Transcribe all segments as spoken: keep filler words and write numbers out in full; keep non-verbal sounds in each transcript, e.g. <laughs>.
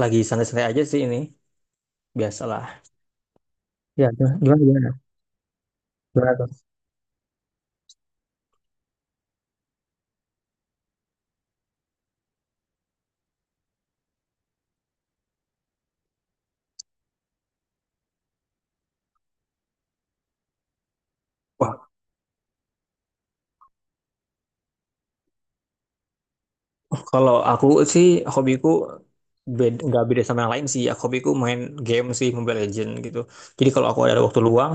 Lagi santai-santai aja sih ini. Biasalah. Ya, gimana, gimana, gimana. Gimana tuh? Wah, kalau aku sih hobiku beda, nggak beda sama yang lain sih. Ya, hobiku main game sih, Mobile Legend gitu. Jadi kalau aku ada waktu luang,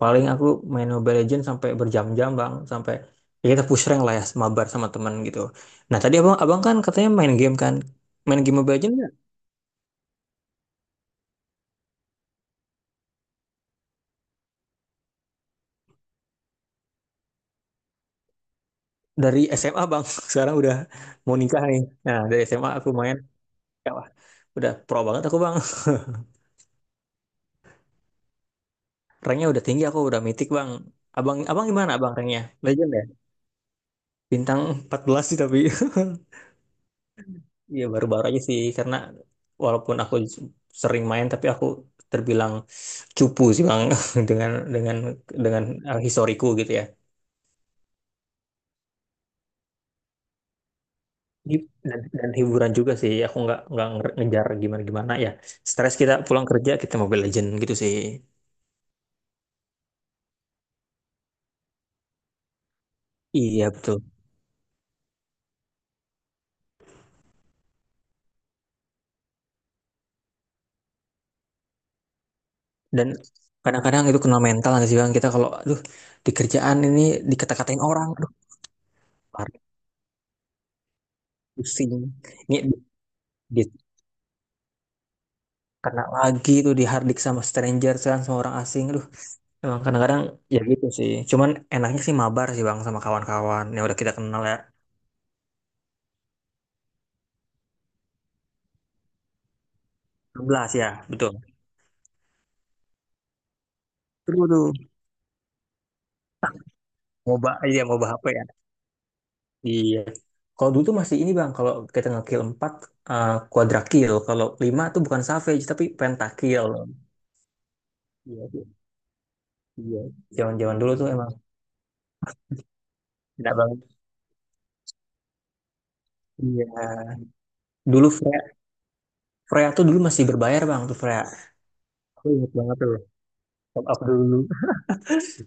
paling aku main Mobile Legend sampai berjam-jam bang, sampai ya kita push rank lah ya, mabar sama teman gitu. Nah tadi abang, abang kan katanya main game kan, main game Mobile Legend nggak? Dari S M A bang. <laughs> Sekarang udah mau nikah nih. Nah dari S M A aku main, ya, wah, udah pro banget aku bang. Ranknya udah tinggi, aku udah mythic bang. Abang, abang gimana abang ranknya? Legend ya? Bintang empat belas sih tapi. <laughs> Iya baru-baru aja sih, karena walaupun aku s- sering main, tapi aku terbilang cupu sih bang <laughs> dengan dengan dengan eh, historiku gitu ya. Hi- Dan, dan hiburan juga sih, aku nggak nggak nger- ngejar gimana-gimana ya. Stres kita pulang kerja kita Mobile Legend gitu sih. Iya betul. Dan kadang-kadang itu kena mental nggak sih bang, kita kalau, aduh, di kerjaan ini dikata-katain orang, aduh pusing. Ini di, kena lagi tuh di harddik sama stranger kan, sama orang asing, aduh. Emang kadang-kadang ya gitu sih, cuman enaknya sih mabar sih bang, sama kawan-kawan yang udah kita kenal ya. Enam belas ya, betul. Seru tuh moba, iya, moba H P ya, iya. Kalau dulu tuh masih ini bang, kalau kita ngekill empat, eh, quadra kill, kalau lima tuh bukan savage tapi pentakill. Iya, iya, iya. Zaman-zaman dulu tuh emang enak banget, iya. Dulu Freya. Freya tuh dulu masih berbayar bang, tuh Freya. Aku ingat banget tuh, top up dulu.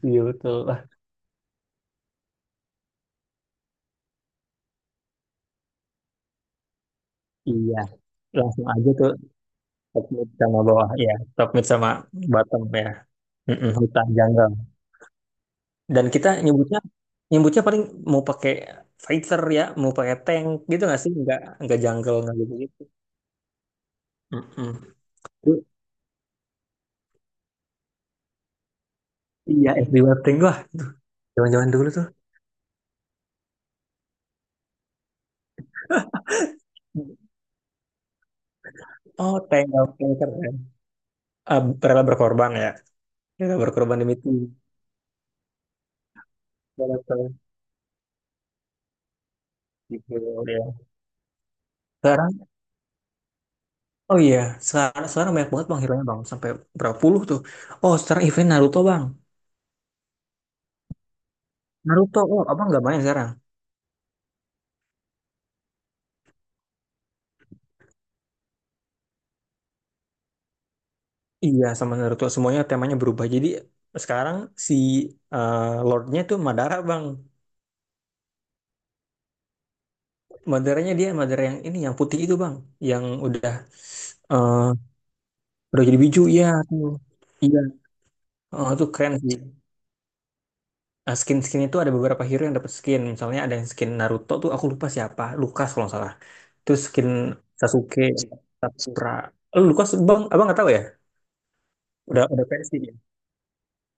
Iya betul. Ah, iya, langsung aja tuh, top mid sama bawah ya, top mid sama bottom ya. Mm-mm, hutan jungle. Dan kita nyebutnya nyebutnya paling mau pakai fighter ya, mau pakai tank gitu nggak sih? Nggak nggak jungle nggak gitu gitu. Mm-mm. Tuh, iya, S D Warting, wah, zaman-zaman dulu tuh. Oh, tank, oh, tank keren. Ah, rela berkorban ya, rela berkorban demi tim. Rela berkorban. Gitu, ya. Sekarang, oh iya, sekarang, sekarang banyak banget bang hero bang, sampai berapa puluh tuh. Oh, sekarang event Naruto bang. Naruto, oh, abang nggak main sekarang? Iya, sama Naruto semuanya temanya berubah. Jadi sekarang si eh, Lordnya tuh Madara, bang. Madaranya dia Madara yang ini, yang putih itu, bang. Yang udah eh, udah jadi biju, iya tuh. Iya, oh, itu keren sih. Nah, skin-skin itu ada beberapa hero yang dapat skin. Misalnya ada yang skin Naruto tuh aku lupa siapa, Lukas kalau nggak salah. Terus skin Sasuke, Sakura. Eh, Lukas, bang, abang nggak tahu ya? Udah udah pensi dia.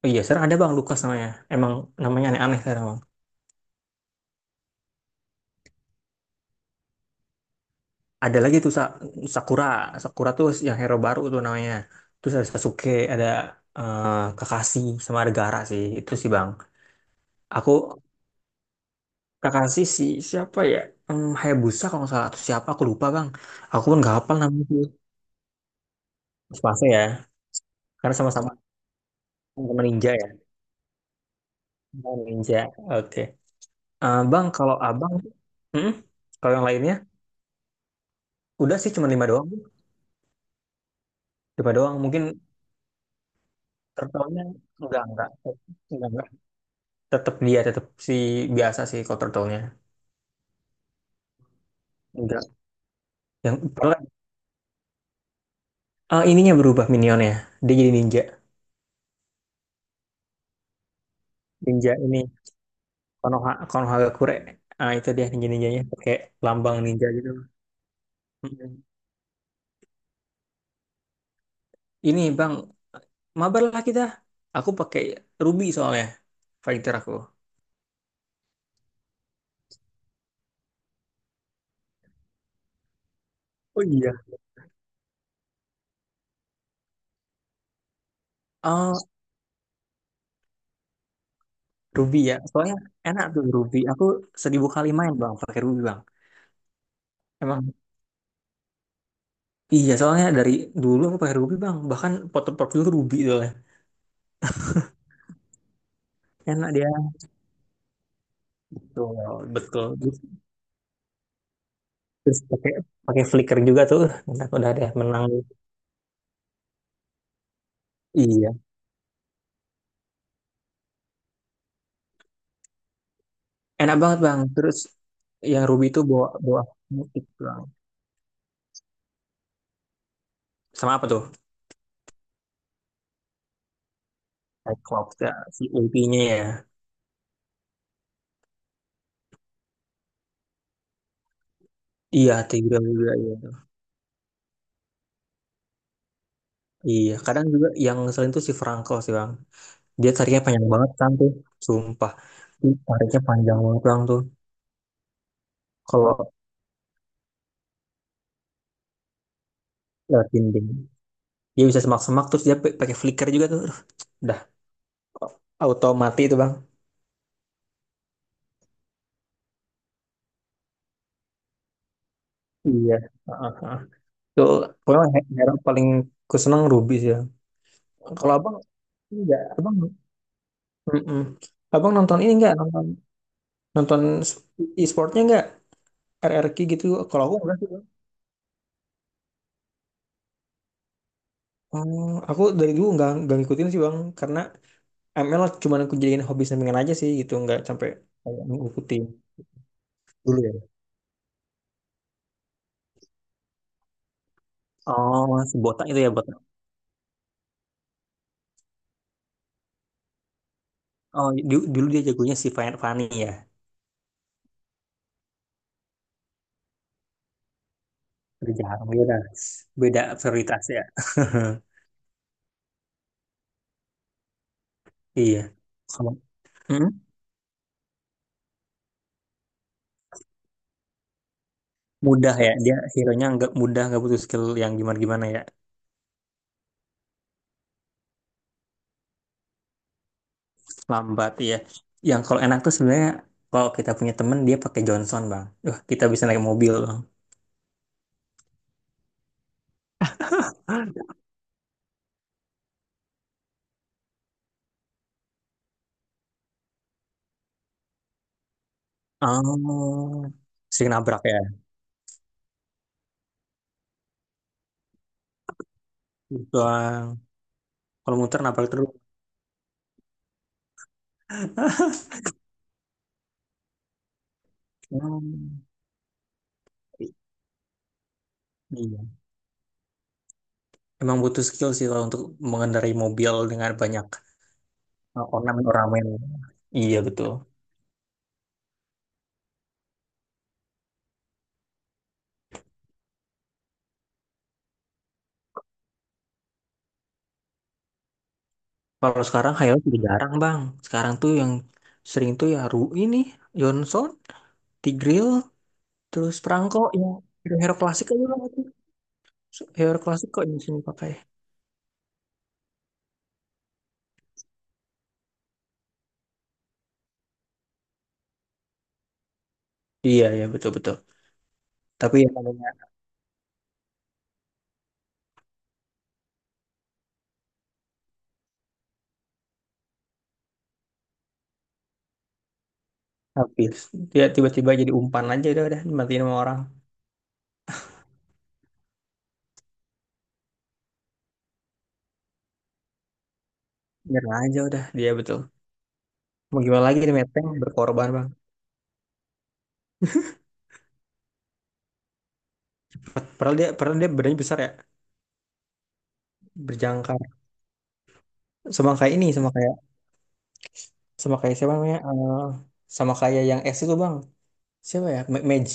Oh iya, sekarang ada bang Lukas namanya. Emang namanya aneh-aneh sekarang. Ada lagi tuh Sa- Sakura Sakura tuh yang hero baru tuh namanya. Terus ada Sasuke, ada eh, Kakashi, sama ada Gaara sih, itu sih bang. Aku Kakashi si, siapa ya, Em, Hayabusa kalau nggak salah, atau siapa aku lupa bang. Aku pun nggak hafal namanya tuh, Tsubasa ya, karena sama-sama, sama ninja ya. Sama ninja, oke. Eh bang, kalau abang, hmm? Kalau yang lainnya udah sih, cuma lima doang Bang. Lima doang mungkin turtle. enggak enggak enggak enggak tetap dia, tetap si biasa sih kalau turtle. Enggak. Yang bahkan, eh, ininya berubah minionnya. Dia jadi ninja. Ninja ini Konoha Konohagakure. Ah, itu dia ninja-ninjanya pakai lambang ninja gitu. Mm-mm. Ini Bang, mabar lah kita. Aku pakai Ruby soalnya, fighter aku. Oh iya. Oh, Ruby ya. Soalnya enak tuh Ruby. Aku seribu kali main Bang pakai Ruby Bang. Emang iya, soalnya dari dulu aku pakai Ruby Bang. Bahkan foto profil Ruby soalnya. Enak dia. Betul, betul. Terus, terus pakai pakai flicker juga tuh. Enak udah deh menang. Iya, enak banget Bang. Terus yang Ruby itu bawa bawa musik Bang. Sama apa tuh? Cyclops ya, si O P-nya ya. Iya, Tigra juga iya. Iya, kadang juga yang selain itu si Frankel sih Bang. Dia tariknya panjang banget kan tuh, sumpah. Dia tariknya panjang banget Bang tuh. Kalau lewat dinding, dia bisa semak-semak, terus dia pa- pakai flicker juga tuh. Aduh, udah, auto mati itu Bang. Iya. Heeh, heeh. Tuh, pokoknya he- hero paling ku seneng Ruby sih, Bang. Kalau abang, enggak, abang, mm-mm. Abang nonton ini nggak, nonton nonton e-sportnya nggak, R R RRQ gitu, kalau aku nggak sih bang. Oh, aku dari dulu nggak nggak ngikutin sih bang, karena M L cuma aku jadiin hobi sampingan aja sih gitu, nggak sampai kayak ngikutin, dulu ya. Oh, si botak itu ya, botak. Oh, du- dulu dia jagonya si Fan- Fanny ya. Udah jarang, beda, beda prioritas ya. <laughs> Iya, kalau, mm-mm. Mudah ya dia hero-nya, nggak mudah, nggak butuh skill yang gimana gimana ya. Lambat ya. Yang kalau enak tuh sebenarnya, kalau kita punya temen dia pakai Johnson bang. Wah, kita bisa naik mobil bang. Oh, sering nabrak ya. Gitu, Bang. Kalau muter, nabrak terus. Hmm. Iya. Emang butuh skill sih kalau untuk mengendarai mobil dengan banyak uh, ornamen-ornamen. Iya betul. Kalau sekarang Hilux udah jarang bang. Sekarang tuh yang sering tuh ya Ru ini Johnson, Tigreal, terus Prangko ya. Hero-hero klasik aja bang itu. Hero klasik kok yang sini pakai. Iya, ya betul-betul. Tapi ya namanya habis. Dia tiba-tiba jadi umpan aja, udah, udah dimatiin sama orang. Nyerah aja udah dia, betul. Mau gimana lagi nih, Meteng berkorban bang. Padahal dia, padahal dia badannya besar ya, berjangkar. Sama kayak ini, sama kayak, sama kayak siapa namanya? Eh, sama kayak yang S itu bang. Siapa ya? Ma- Mage.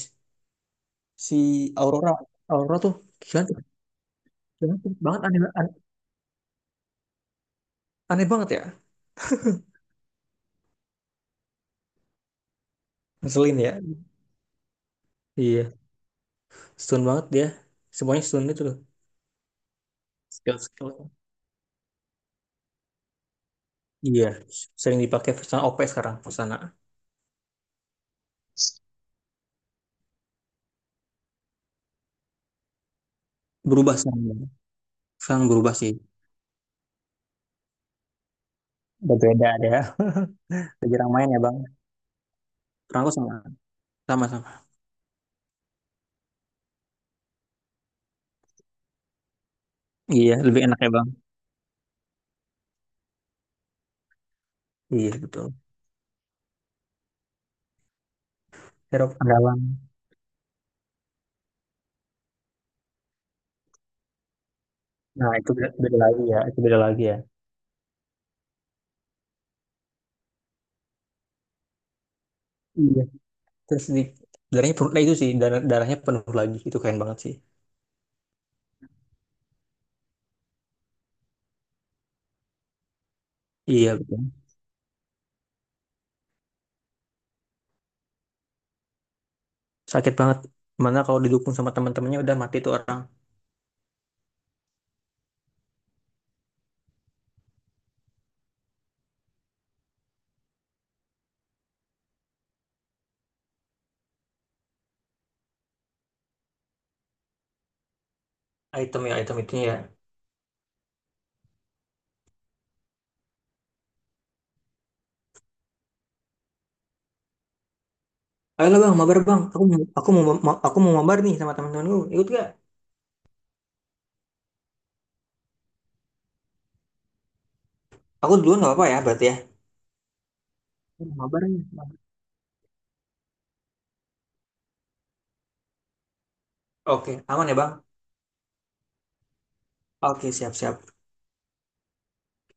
Si Aurora. Aurora tuh gila tuh. Banget aneh, aneh, aneh banget ya. Ngeselin ya. Iya, stun banget dia. Semuanya stun itu loh. Skill-skill. Iya, sering dipakai pesan O P sekarang, Pesana. Berubah sekarang, Bang. Sekarang berubah sih. Berbeda ada ya. <laughs> Jarang main ya, Bang. Perangku sama. Sama-sama. Iya, lebih enak ya, Bang. Iya, betul. Herop ada, Bang. Nah, itu beda, beda lagi ya. Itu beda lagi ya. Iya. Terus di darahnya penuh, nah itu sih, darah, darahnya penuh lagi. Itu keren banget sih. Iya, betul. Sakit banget. Mana kalau didukung sama teman-temannya udah mati tuh orang. Item ya, item itu ya. Ayolah bang, mabar bang. Aku mau, aku mau- aku mau mabar nih sama teman-temanku. Ikut gak? Aku duluan nggak apa-apa ya berarti ya. Sama bareng, ya. Oke, aman ya Bang? Oke, siap-siap.